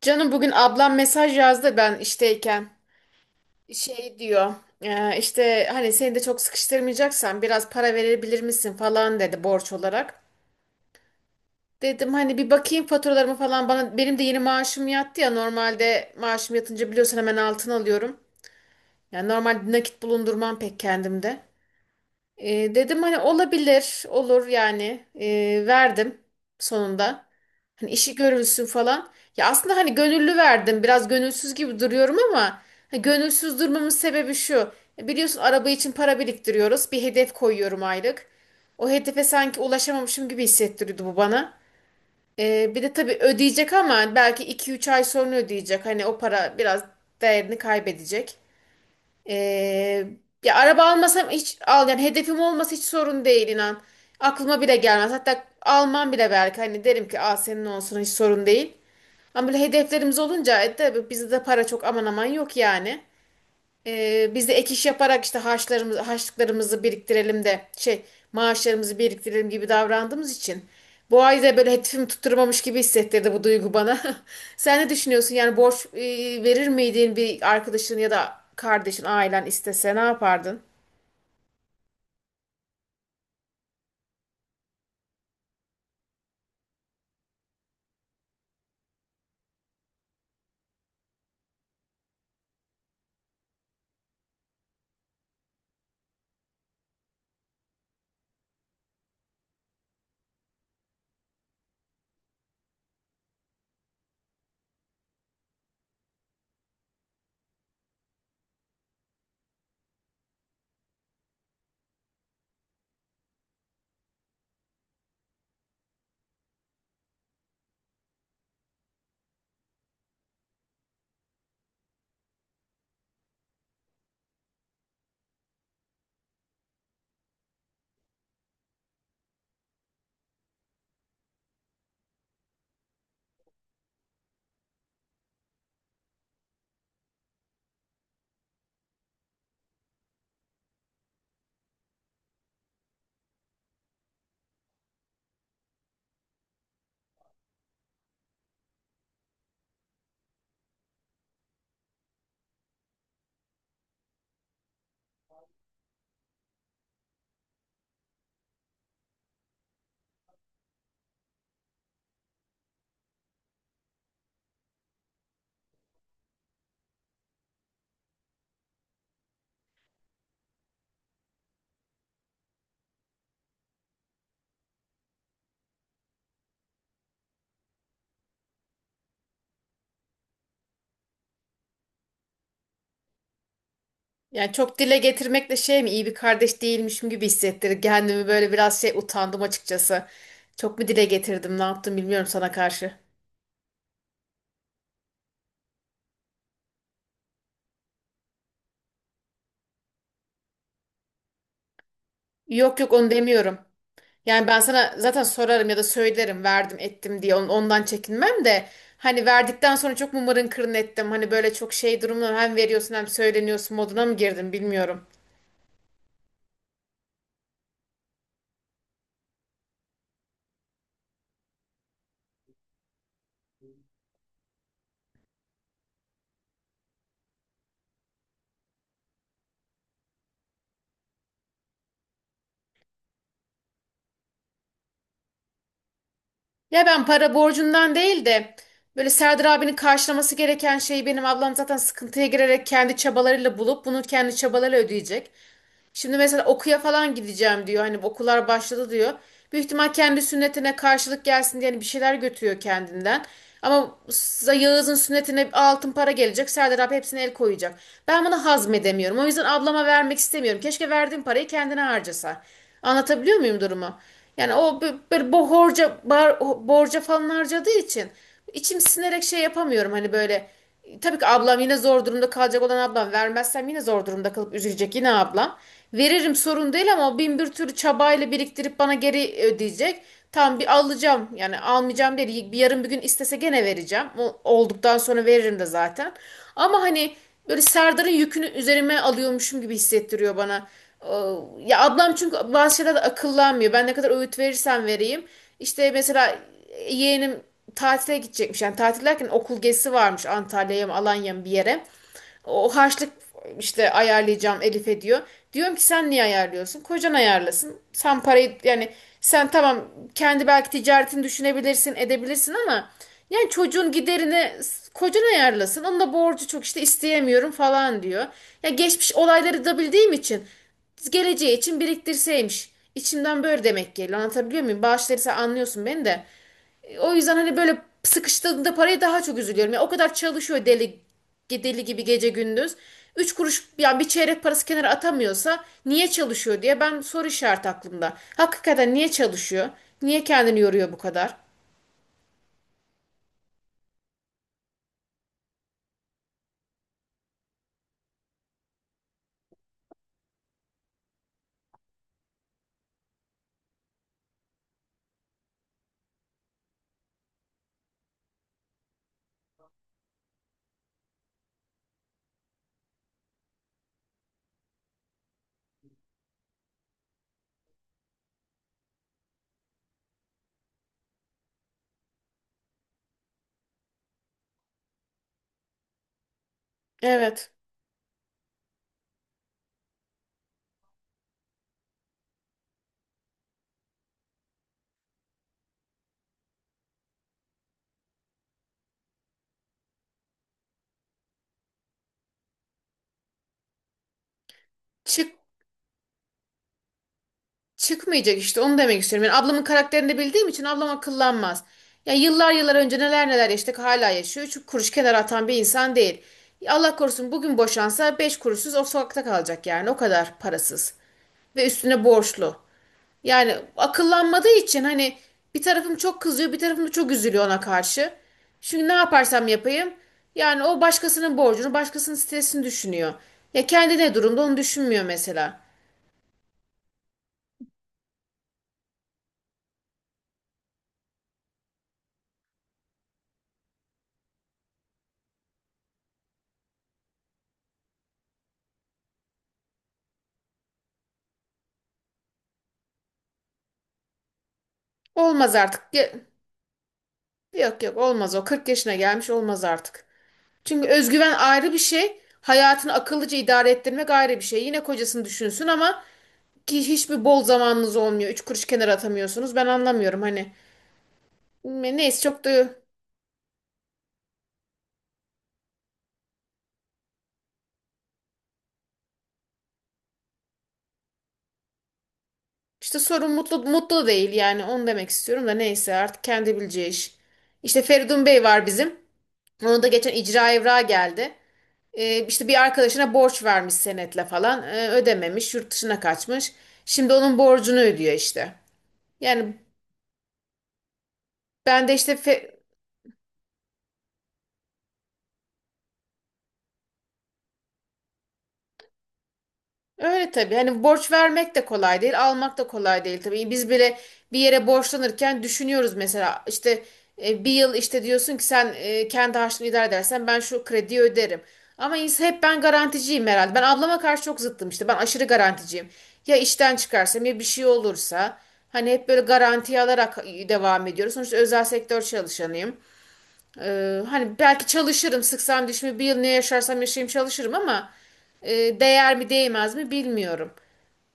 Canım bugün ablam mesaj yazdı ben işteyken. Şey diyor işte hani seni de çok sıkıştırmayacaksan biraz para verebilir misin falan dedi borç olarak. Dedim hani bir bakayım faturalarımı falan bana benim de yeni maaşım yattı ya normalde maaşım yatınca biliyorsun hemen altın alıyorum. Yani normalde nakit bulundurmam pek kendimde. Dedim hani olabilir, olur yani. Verdim sonunda. Hani işi görülsün falan. Ya aslında hani gönüllü verdim. Biraz gönülsüz gibi duruyorum ama hani gönülsüz durmamın sebebi şu. Biliyorsun araba için para biriktiriyoruz. Bir hedef koyuyorum aylık. O hedefe sanki ulaşamamışım gibi hissettiriyordu bu bana. Bir de tabii ödeyecek ama belki iki üç ay sonra ödeyecek. Hani o para biraz değerini kaybedecek. Ee, Ya araba almasam hiç al yani hedefim olması hiç sorun değil inan. Aklıma bile gelmez. Hatta almam bile belki hani derim ki Aa, senin olsun hiç sorun değil. Ama böyle hedeflerimiz olunca tabii bizde de para çok aman aman yok yani. Biz de ek iş yaparak işte harçlarımızı, harçlıklarımızı biriktirelim de şey maaşlarımızı biriktirelim gibi davrandığımız için bu ay da böyle hedefimi tutturmamış gibi hissettirdi bu duygu bana. Sen ne düşünüyorsun? Yani borç verir miydin bir arkadaşın ya da kardeşin, ailen istese ne yapardın? Yani çok dile getirmekle şey mi iyi bir kardeş değilmişim gibi hissettirdi. Kendimi böyle biraz şey utandım açıkçası. Çok mu dile getirdim, ne yaptım bilmiyorum sana karşı. Yok yok onu demiyorum. Yani ben sana zaten sorarım ya da söylerim verdim ettim diye ondan çekinmem de hani verdikten sonra çok mımarın kırın ettim. Hani böyle çok şey durumda hem veriyorsun hem söyleniyorsun moduna mı girdim bilmiyorum. Ya ben para borcundan değil de böyle Serdar abinin karşılaması gereken şeyi benim ablam zaten sıkıntıya girerek kendi çabalarıyla bulup bunu kendi çabalarıyla ödeyecek. Şimdi mesela okuya falan gideceğim diyor. Hani okullar başladı diyor. Büyük ihtimal kendi sünnetine karşılık gelsin diye hani bir şeyler götürüyor kendinden. Ama Yağız'ın sünnetine altın para gelecek. Serdar abi hepsine el koyacak. Ben bunu hazmedemiyorum. O yüzden ablama vermek istemiyorum. Keşke verdiğim parayı kendine harcasa. Anlatabiliyor muyum durumu? Yani o böyle bu horca, borca falan harcadığı için içim sinerek şey yapamıyorum. Hani böyle tabii ki ablam yine zor durumda kalacak olan ablam. Vermezsem yine zor durumda kalıp üzülecek yine ablam. Veririm sorun değil ama o bin bir türlü çabayla biriktirip bana geri ödeyecek. Tam bir alacağım yani almayacağım değil. Bir yarın bir gün istese gene vereceğim. O olduktan sonra veririm de zaten. Ama hani böyle Serdar'ın yükünü üzerime alıyormuşum gibi hissettiriyor bana. Ee, Ya ablam çünkü bazı şeyler de akıllanmıyor. Ben ne kadar öğüt verirsem vereyim. İşte mesela yeğenim tatile gidecekmiş. Yani tatil derken okul gezisi varmış Antalya'ya mı Alanya'ya mı bir yere. O harçlık işte ayarlayacağım Elif'e diyor. Diyorum ki sen niye ayarlıyorsun? Kocan ayarlasın. Sen parayı yani sen tamam kendi belki ticaretini düşünebilirsin edebilirsin ama yani çocuğun giderini kocan ayarlasın. Onun da borcu çok işte isteyemiyorum falan diyor. Ya geçmiş olayları da bildiğim için geleceği için biriktirseymiş. İçimden böyle demek geliyor. Anlatabiliyor muyum? Bağışları sen anlıyorsun beni de. O yüzden hani böyle sıkıştığında paraya daha çok üzülüyorum. Ya o kadar çalışıyor deli deli gibi gece gündüz. Üç kuruş yani bir çeyrek parası kenara atamıyorsa niye çalışıyor diye ben soru işareti aklımda. Hakikaten niye çalışıyor? Niye kendini yoruyor bu kadar? Evet. Çık Çıkmayacak işte onu demek istiyorum. Yani ablamın karakterini de bildiğim için ablam akıllanmaz. Ya yıllar yıllar önce neler neler yaşadık hala yaşıyor. Üç kuruş kenara atan bir insan değil. Allah korusun bugün boşansa beş kuruşsuz o sokakta kalacak yani o kadar parasız ve üstüne borçlu. Yani akıllanmadığı için hani bir tarafım çok kızıyor, bir tarafım da çok üzülüyor ona karşı. Çünkü ne yaparsam yapayım yani o başkasının borcunu, başkasının stresini düşünüyor. Ya kendi ne durumda onu düşünmüyor mesela. Olmaz artık. Yok yok olmaz o. Kırk yaşına gelmiş olmaz artık. Çünkü özgüven ayrı bir şey. Hayatını akıllıca idare ettirmek ayrı bir şey. Yine kocasını düşünsün ama ki hiçbir bol zamanınız olmuyor. Üç kuruş kenara atamıyorsunuz. Ben anlamıyorum hani. Neyse çok da İşte sorun mutlu mutlu değil yani onu demek istiyorum da neyse artık kendi bileceği iş. İşte Feridun Bey var bizim. Onun da geçen icra evrağı geldi. İşte bir arkadaşına borç vermiş senetle falan. Ödememiş, yurt dışına kaçmış. Şimdi onun borcunu ödüyor işte. Yani ben de işte öyle tabii. Hani borç vermek de kolay değil, almak da kolay değil tabii. Biz bile bir yere borçlanırken düşünüyoruz mesela işte bir yıl işte diyorsun ki sen kendi harçlığını idare edersen ben şu krediyi öderim. Ama hep ben garanticiyim herhalde. Ben ablama karşı çok zıttım işte. Ben aşırı garanticiyim. Ya işten çıkarsam ya bir şey olursa hani hep böyle garanti alarak devam ediyoruz. Sonuçta özel sektör çalışanıyım. Hani belki çalışırım sıksam dişimi bir yıl ne yaşarsam yaşayayım çalışırım ama değer mi değmez mi bilmiyorum.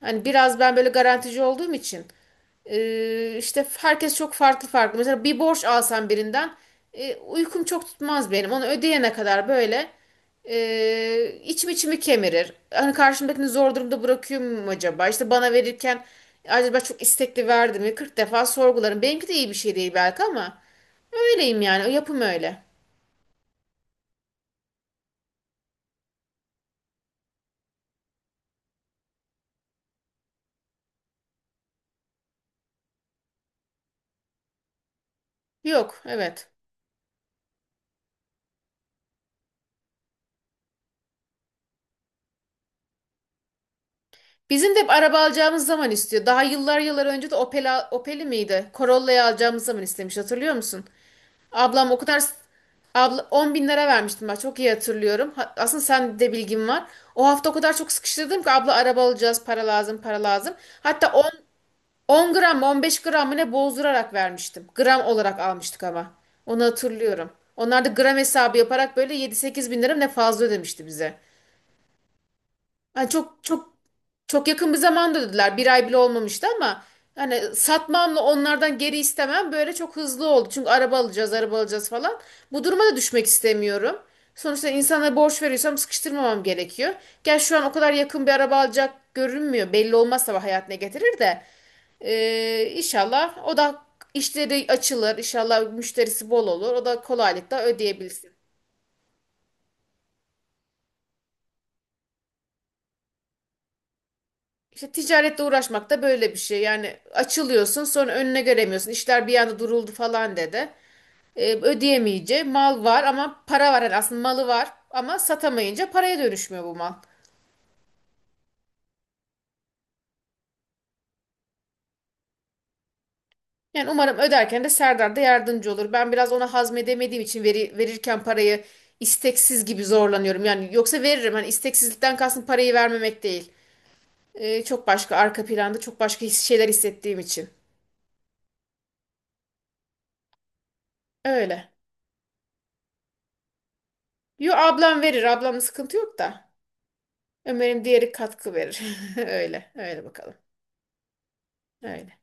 Hani biraz ben böyle garantici olduğum için işte herkes çok farklı farklı. Mesela bir borç alsam birinden uykum çok tutmaz benim. Onu ödeyene kadar böyle içim içimi kemirir. Hani karşımdakini zor durumda bırakıyor muyum acaba? İşte bana verirken acaba çok istekli verdim mi? 40 defa sorgularım. Benimki de iyi bir şey değil belki ama. Öyleyim yani. O yapım öyle. Yok, evet. Bizim de hep araba alacağımız zaman istiyor. Daha yıllar yıllar önce de Opel, Opel'i miydi? Corolla'yı alacağımız zaman istemiş. Hatırlıyor musun? Ablam o kadar abla 10 bin lira vermiştim ben çok iyi hatırlıyorum. Aslında sen de bilgin var. O hafta o kadar çok sıkıştırdım ki abla araba alacağız para lazım para lazım. Hatta 10 gram mı 15 gram mı ne bozdurarak vermiştim. Gram olarak almıştık ama. Onu hatırlıyorum. Onlar da gram hesabı yaparak böyle 7-8 bin lira mı ne fazla ödemişti bize. Yani çok çok çok yakın bir zamanda dediler. Bir ay bile olmamıştı ama hani satmamla onlardan geri istemem böyle çok hızlı oldu. Çünkü araba alacağız, araba alacağız falan. Bu duruma da düşmek istemiyorum. Sonuçta insana borç veriyorsam sıkıştırmamam gerekiyor. Gel şu an o kadar yakın bir araba alacak görünmüyor. Belli olmaz tabii hayat ne getirir de. İnşallah o da işleri açılır. İnşallah müşterisi bol olur. O da kolaylıkla ödeyebilsin. İşte ticaretle uğraşmak da böyle bir şey. Yani açılıyorsun sonra önüne göremiyorsun. İşler bir anda duruldu falan dedi. Ödeyemeyince mal var ama para var. Yani aslında malı var ama satamayınca paraya dönüşmüyor bu mal. Yani umarım öderken de Serdar da yardımcı olur. Ben biraz ona hazmedemediğim için verirken parayı isteksiz gibi zorlanıyorum. Yani yoksa veririm. Hani isteksizlikten kastım parayı vermemek değil. Çok başka arka planda çok başka şeyler hissettiğim için. Öyle. Yo ablam verir. Ablamla sıkıntı yok da. Umarım diğeri katkı verir. Öyle, öyle bakalım. Öyle.